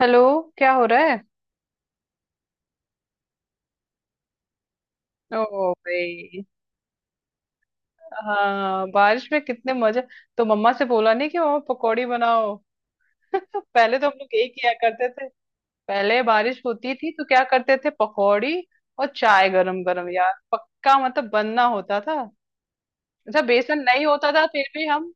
Hello. क्या हो रहा है? ओ भाई। हाँ, बारिश में कितने मजे। तो मम्मा से बोला नहीं कि मम्मा पकौड़ी बनाओ। पहले तो हम लोग यही किया करते थे। पहले बारिश होती थी तो क्या करते थे? पकौड़ी और चाय गरम गरम यार, पक्का मतलब बनना होता था। अच्छा बेसन नहीं होता था फिर भी हम।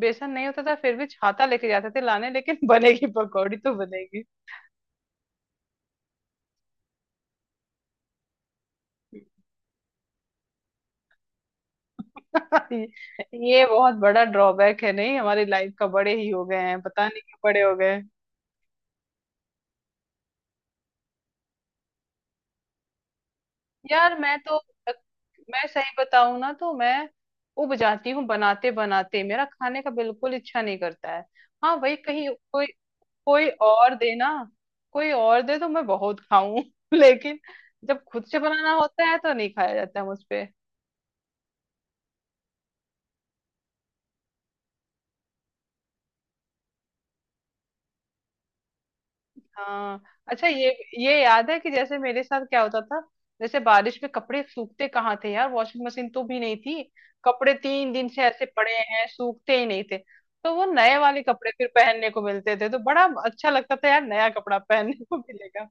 बेसन नहीं होता था फिर भी छाता लेके जाते थे लाने, लेकिन बनेगी पकौड़ी तो बनेगी। ये बहुत बड़ा ड्रॉबैक है नहीं हमारी लाइफ का। बड़े ही हो गए हैं, पता नहीं क्यों बड़े हो गए। यार मैं सही बताऊं ना, तो मैं उब जाती हूँ बनाते बनाते। मेरा खाने का बिल्कुल इच्छा नहीं करता है। हाँ भाई, कहीं कोई कोई और दे ना, कोई और दे तो मैं बहुत खाऊं। लेकिन जब खुद से बनाना होता है तो नहीं खाया जाता है मुझ पे। हाँ, अच्छा ये याद है कि जैसे मेरे साथ क्या होता था। जैसे बारिश में कपड़े सूखते कहाँ थे यार, वॉशिंग मशीन तो भी नहीं थी। कपड़े 3 दिन से ऐसे पड़े हैं, सूखते ही नहीं थे। तो वो नए वाले कपड़े फिर पहनने को मिलते थे तो बड़ा अच्छा लगता था यार, नया कपड़ा पहनने को मिलेगा।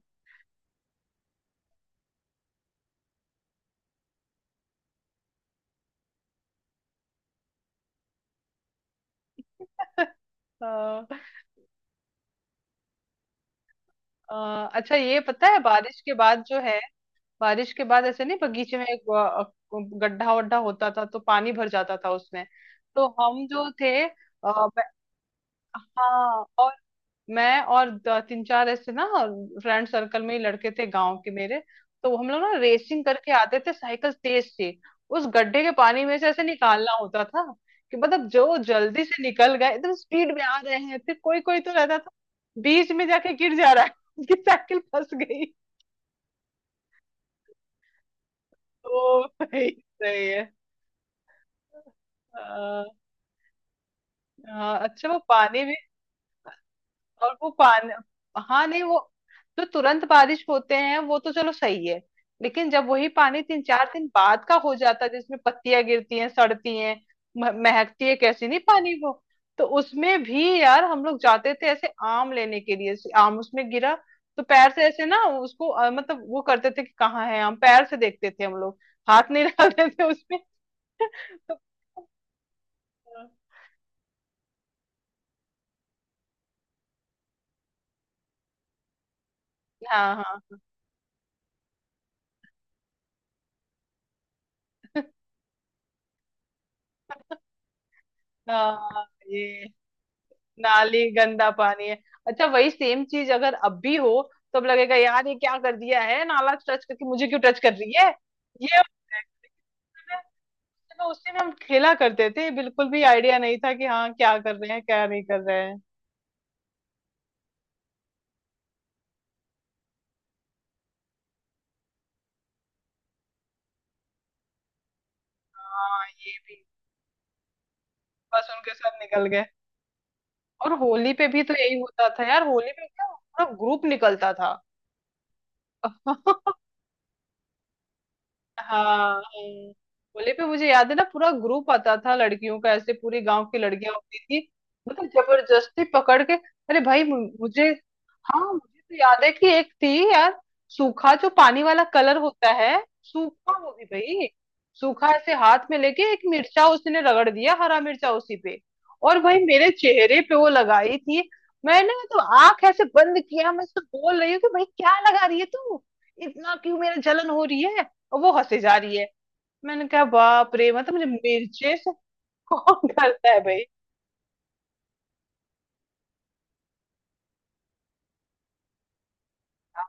हाँ, हाँ, अच्छा ये पता है बारिश के बाद जो है, बारिश के बाद ऐसे नहीं, बगीचे में एक गड्ढा वड्ढा होता था तो पानी भर जाता था उसमें। तो हम जो थे ब- हाँ, और मैं और तीन चार ऐसे ना। फ्रेंड सर्कल में ही लड़के थे गांव के मेरे। तो हम लोग ना रेसिंग करके आते थे साइकिल तेज से। उस गड्ढे के पानी में से ऐसे निकालना होता था कि, मतलब जो जल्दी से निकल गए एकदम स्पीड में आ रहे हैं, फिर कोई कोई तो रहता था बीच में जाके गिर जा रहा है। उसकी साइकिल फंस गई। ओ, सही। सही है। हाँ, हाँ, अच्छा वो पानी भी। और वो पान, हाँ नहीं, वो जो तुरंत बारिश होते हैं वो तो चलो सही है। लेकिन जब वही पानी 3-4 दिन बाद का हो जाता है, जिसमें पत्तियां गिरती हैं, सड़ती हैं, महकती है कैसी नहीं पानी वो। तो उसमें भी यार हम लोग जाते थे ऐसे आम लेने के लिए। ऐसे आम उसमें गिरा तो पैर से ऐसे ना उसको मतलब वो करते थे कि कहाँ है आम, पैर से देखते थे हम लोग। हाथ नहीं लगाते थे उसमें। तो हाँ, हाँ, हाँ। ये नाली गंदा पानी है। अच्छा वही सेम चीज अगर अब भी हो, तो अब लगेगा यार, ये क्या कर दिया है, नाला टच करके मुझे क्यों टच कर रही है। ये अपने, चलो उसी में हम खेला करते थे, बिल्कुल भी आइडिया नहीं था कि हाँ क्या कर रहे हैं क्या नहीं कर रहे हैं। हाँ ये भी। बस उनके साथ निकल गए। और होली पे भी तो यही होता था यार, होली पे क्या पूरा ग्रुप निकलता था। हाँ, हाँ। होली पे मुझे याद है ना, पूरा ग्रुप आता था लड़कियों का, ऐसे पूरी गांव की लड़कियां होती थी, मतलब जबरदस्ती पकड़ के। अरे भाई, मुझे, हाँ, मुझे तो याद है कि एक थी यार। सूखा जो पानी वाला कलर होता है, सूखा, वो भी भाई, सूखा ऐसे हाथ में लेके एक मिर्चा उसने रगड़ दिया, हरा मिर्चा उसी पे। और भाई मेरे चेहरे पे वो लगाई थी। मैंने तो आंख ऐसे बंद किया, मैं उससे बोल रही हूँ कि भाई क्या लगा रही है तू, इतना क्यों मेरा जलन हो रही है, और वो हंसे जा रही है। मैंने कहा बाप रे, मतलब मुझे मिर्चे से। कौन करता है भाई। हाँ,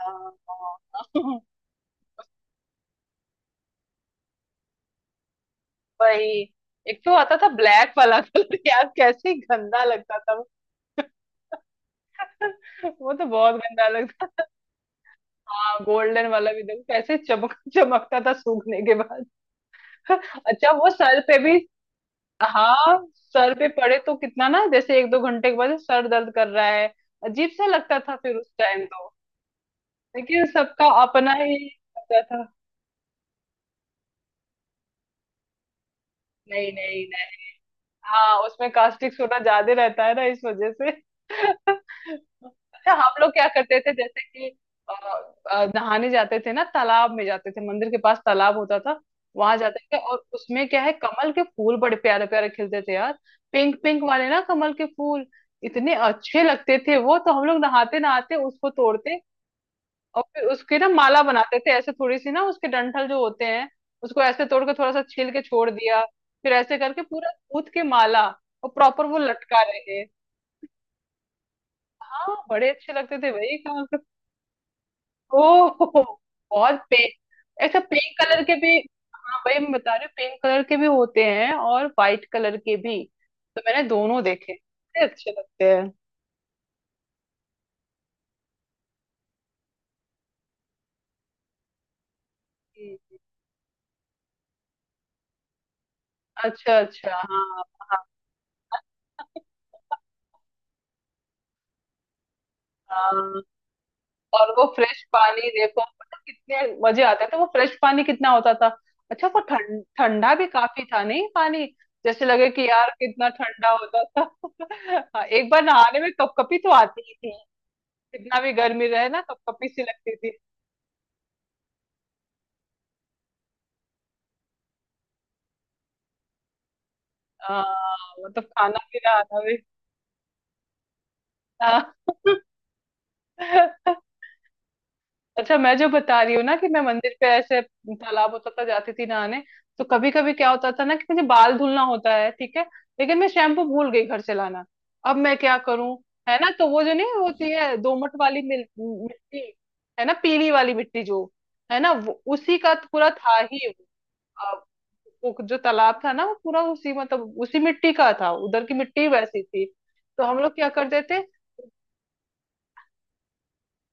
हाँ, हाँ, हाँ। वही, एक तो आता था ब्लैक वाला कलर। यार कैसे गंदा लगता था वो। वो तो बहुत गंदा लगता था। हाँ गोल्डन वाला भी देखो कैसे चमक चमकता था सूखने के बाद। अच्छा वो सर पे भी। हाँ सर पे पड़े तो कितना ना, जैसे 1-2 घंटे के बाद सर दर्द कर रहा है, अजीब सा लगता था फिर उस टाइम तो। लेकिन सबका अपना ही लगता था। नहीं, नहीं, नहीं। हाँ उसमें कास्टिक सोडा ज्यादा रहता है ना, इस वजह से। अच्छा हम लोग क्या करते थे जैसे कि, अ, नहाने जाते थे ना, तालाब में जाते थे, मंदिर के पास तालाब होता था। वहां जाते थे और उसमें क्या है, कमल के फूल बड़े प्यारे प्यारे खिलते थे यार। पिंक पिंक वाले ना कमल के फूल। इतने अच्छे लगते थे वो, तो हम लोग नहाते नहाते उसको तोड़ते। और फिर उसकी ना माला बनाते थे, ऐसे थोड़ी सी ना उसके डंठल जो होते हैं उसको ऐसे तोड़ के, थोड़ा सा छील के छोड़ दिया। फिर ऐसे करके पूरा गूंथ के माला, और प्रॉपर वो लटका रहे। हाँ बड़े अच्छे लगते थे भाई। ओ बहुत पिंक, ऐसा पिंक कलर के भी। हाँ भाई मैं बता रही हूँ पिंक कलर के भी होते हैं और वाइट कलर के भी। तो मैंने दोनों देखे, बड़े अच्छे लगते हैं। हम्म, अच्छा, अच्छा, हाँ, हाँ। हाँ और वो फ्रेश पानी देखो, मतलब कितने मजे आते थे, वो फ्रेश पानी कितना होता था। अच्छा वो ठंडा भी काफी था नहीं पानी। जैसे लगे कि यार कितना ठंडा होता था। हाँ, एक बार नहाने में कपकपी तो आती ही थी। कितना भी गर्मी रहे ना, कपकपी सी लगती थी। हाँ, मतलब खाना पीना आना भी। हाँ। अच्छा मैं जो बता रही हूँ ना, कि मैं मंदिर पे ऐसे तालाब होता था जाती थी नहाने। तो कभी कभी क्या होता था ना, कि मुझे बाल धुलना होता है, ठीक है, लेकिन मैं शैम्पू भूल गई घर से लाना। अब मैं क्या करूँ? है ना, तो वो जो नहीं होती है दोमट वाली मिट्टी, है ना, पीली वाली मिट्टी जो, है ना, वो उसी का तो पूरा था ही वो। अब वो जो तालाब था ना, वो पूरा उसी मतलब उसी मिट्टी का था, उधर की मिट्टी वैसी थी। तो हम लोग क्या करते थे?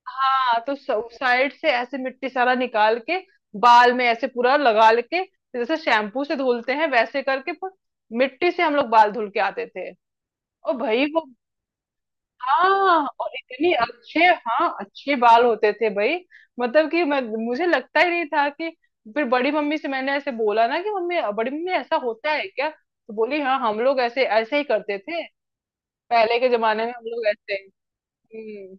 हाँ तो साइड से ऐसे मिट्टी सारा निकाल के, बाल में ऐसे पूरा लगा के, जैसे शैम्पू से धुलते हैं, वैसे करके मिट्टी से हम लोग बाल धुल के आते थे। और भाई वो। हाँ और इतनी अच्छे, हाँ, अच्छे बाल होते थे भाई, मतलब कि मैं, मुझे लगता ही नहीं था कि। फिर बड़ी मम्मी से मैंने ऐसे बोला ना कि मम्मी, बड़ी मम्मी ऐसा होता है क्या? तो बोली हाँ हम लोग ऐसे ऐसे ही करते थे, पहले के जमाने में हम लोग ऐसे। हम्म।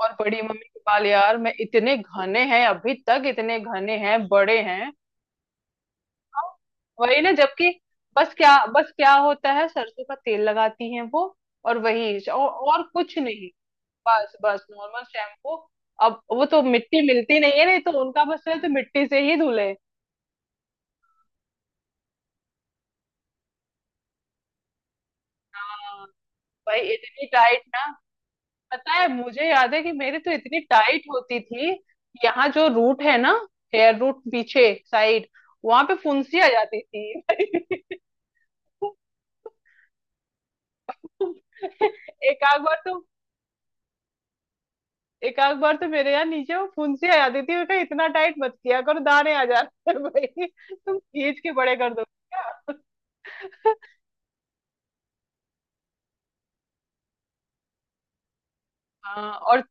और बड़ी मम्मी के बाल यार, मैं, इतने घने हैं अभी तक, इतने घने हैं, बड़े हैं। हाँ, वही ना, जबकि बस क्या, बस क्या होता है, सरसों का तेल लगाती हैं वो। और वही, और कुछ नहीं। बस बस नॉर्मल शैम्पू। अब वो तो मिट्टी मिलती नहीं है, नहीं तो उनका बस है तो मिट्टी से ही धुले। हाँ भाई, इतनी टाइट ना, पता है मुझे याद है कि मेरी तो इतनी टाइट होती थी। यहाँ जो रूट है ना, हेयर रूट पीछे साइड, वहां पे फुंसी आ जाती थी। एक आध बार तो एक आध बार तो मेरे यहाँ नीचे वो फुंसी आ जाती थी। बेटा इतना टाइट मत किया करो, दाने आ जाते हैं भाई। तुम खींच के बड़े कर दो क्या? हाँ, और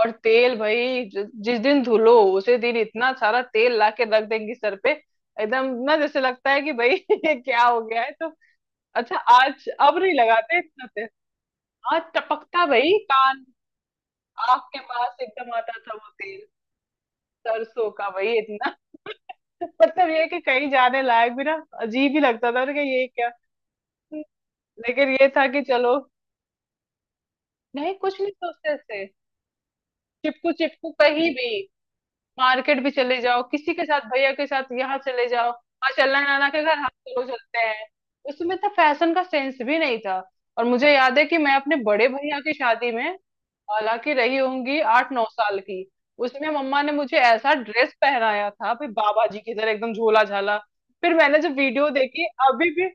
और तेल भाई, जिस दिन धुलो, उसी दिन इतना सारा तेल ला के रख देंगी सर पे। एकदम ना जैसे लगता है कि भाई ये क्या हो गया है तो। अच्छा आज अब नहीं लगाते इतना तेल, आज टपकता भाई कान, आँख के पास एकदम आता था वो तेल। सरसों का भाई इतना। मतलब ये कि कहीं जाने लायक भी ना, अजीब ही लगता था ना कि ये क्या, लेकिन ये था कि चलो। नहीं, कुछ नहीं सोचते थे। चिपकू चिपकू कहीं भी। मार्केट भी चले जाओ, किसी के साथ भैया के साथ यहाँ चले जाओ। हाँ चलना है नाना के घर, हाँ चलो चलते हैं। उसमें तो फैशन का सेंस भी नहीं था। और मुझे याद है कि मैं अपने बड़े भैया की शादी में, हालांकि रही होंगी 8-9 साल की। उसमें मम्मा ने मुझे ऐसा ड्रेस पहनाया था भाई, बाबा जी की तरह एकदम झोला झाला। फिर मैंने जब वीडियो देखी, अभी भी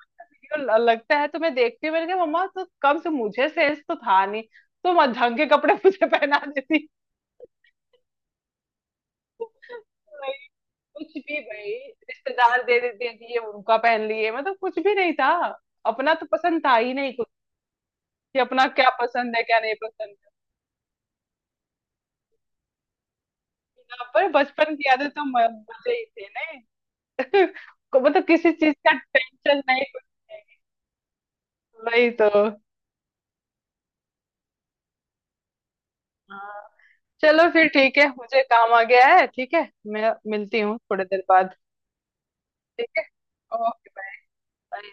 वीडियो लगता है तो मैं देखती हूँ। मैंने कहा मम्मा तो कम से, मुझे सेंस तो था नहीं तो ढंग के कपड़े मुझे पहना देती। कुछ भी भाई। रिश्तेदार दे देते हैं कि ये उनका पहन लिए, मतलब कुछ भी नहीं था, अपना तो पसंद था ही नहीं कुछ, कि अपना क्या पसंद है क्या नहीं पसंद है। यहाँ पर बचपन की यादें तो मजे ही थे ना। मतलब किसी चीज का टेंशन नहीं कुछ। नहीं वही तो। हाँ चलो फिर ठीक है, मुझे काम आ गया है। ठीक है, मैं मिलती हूँ थोड़ी देर बाद। ठीक है, ओके, बाय।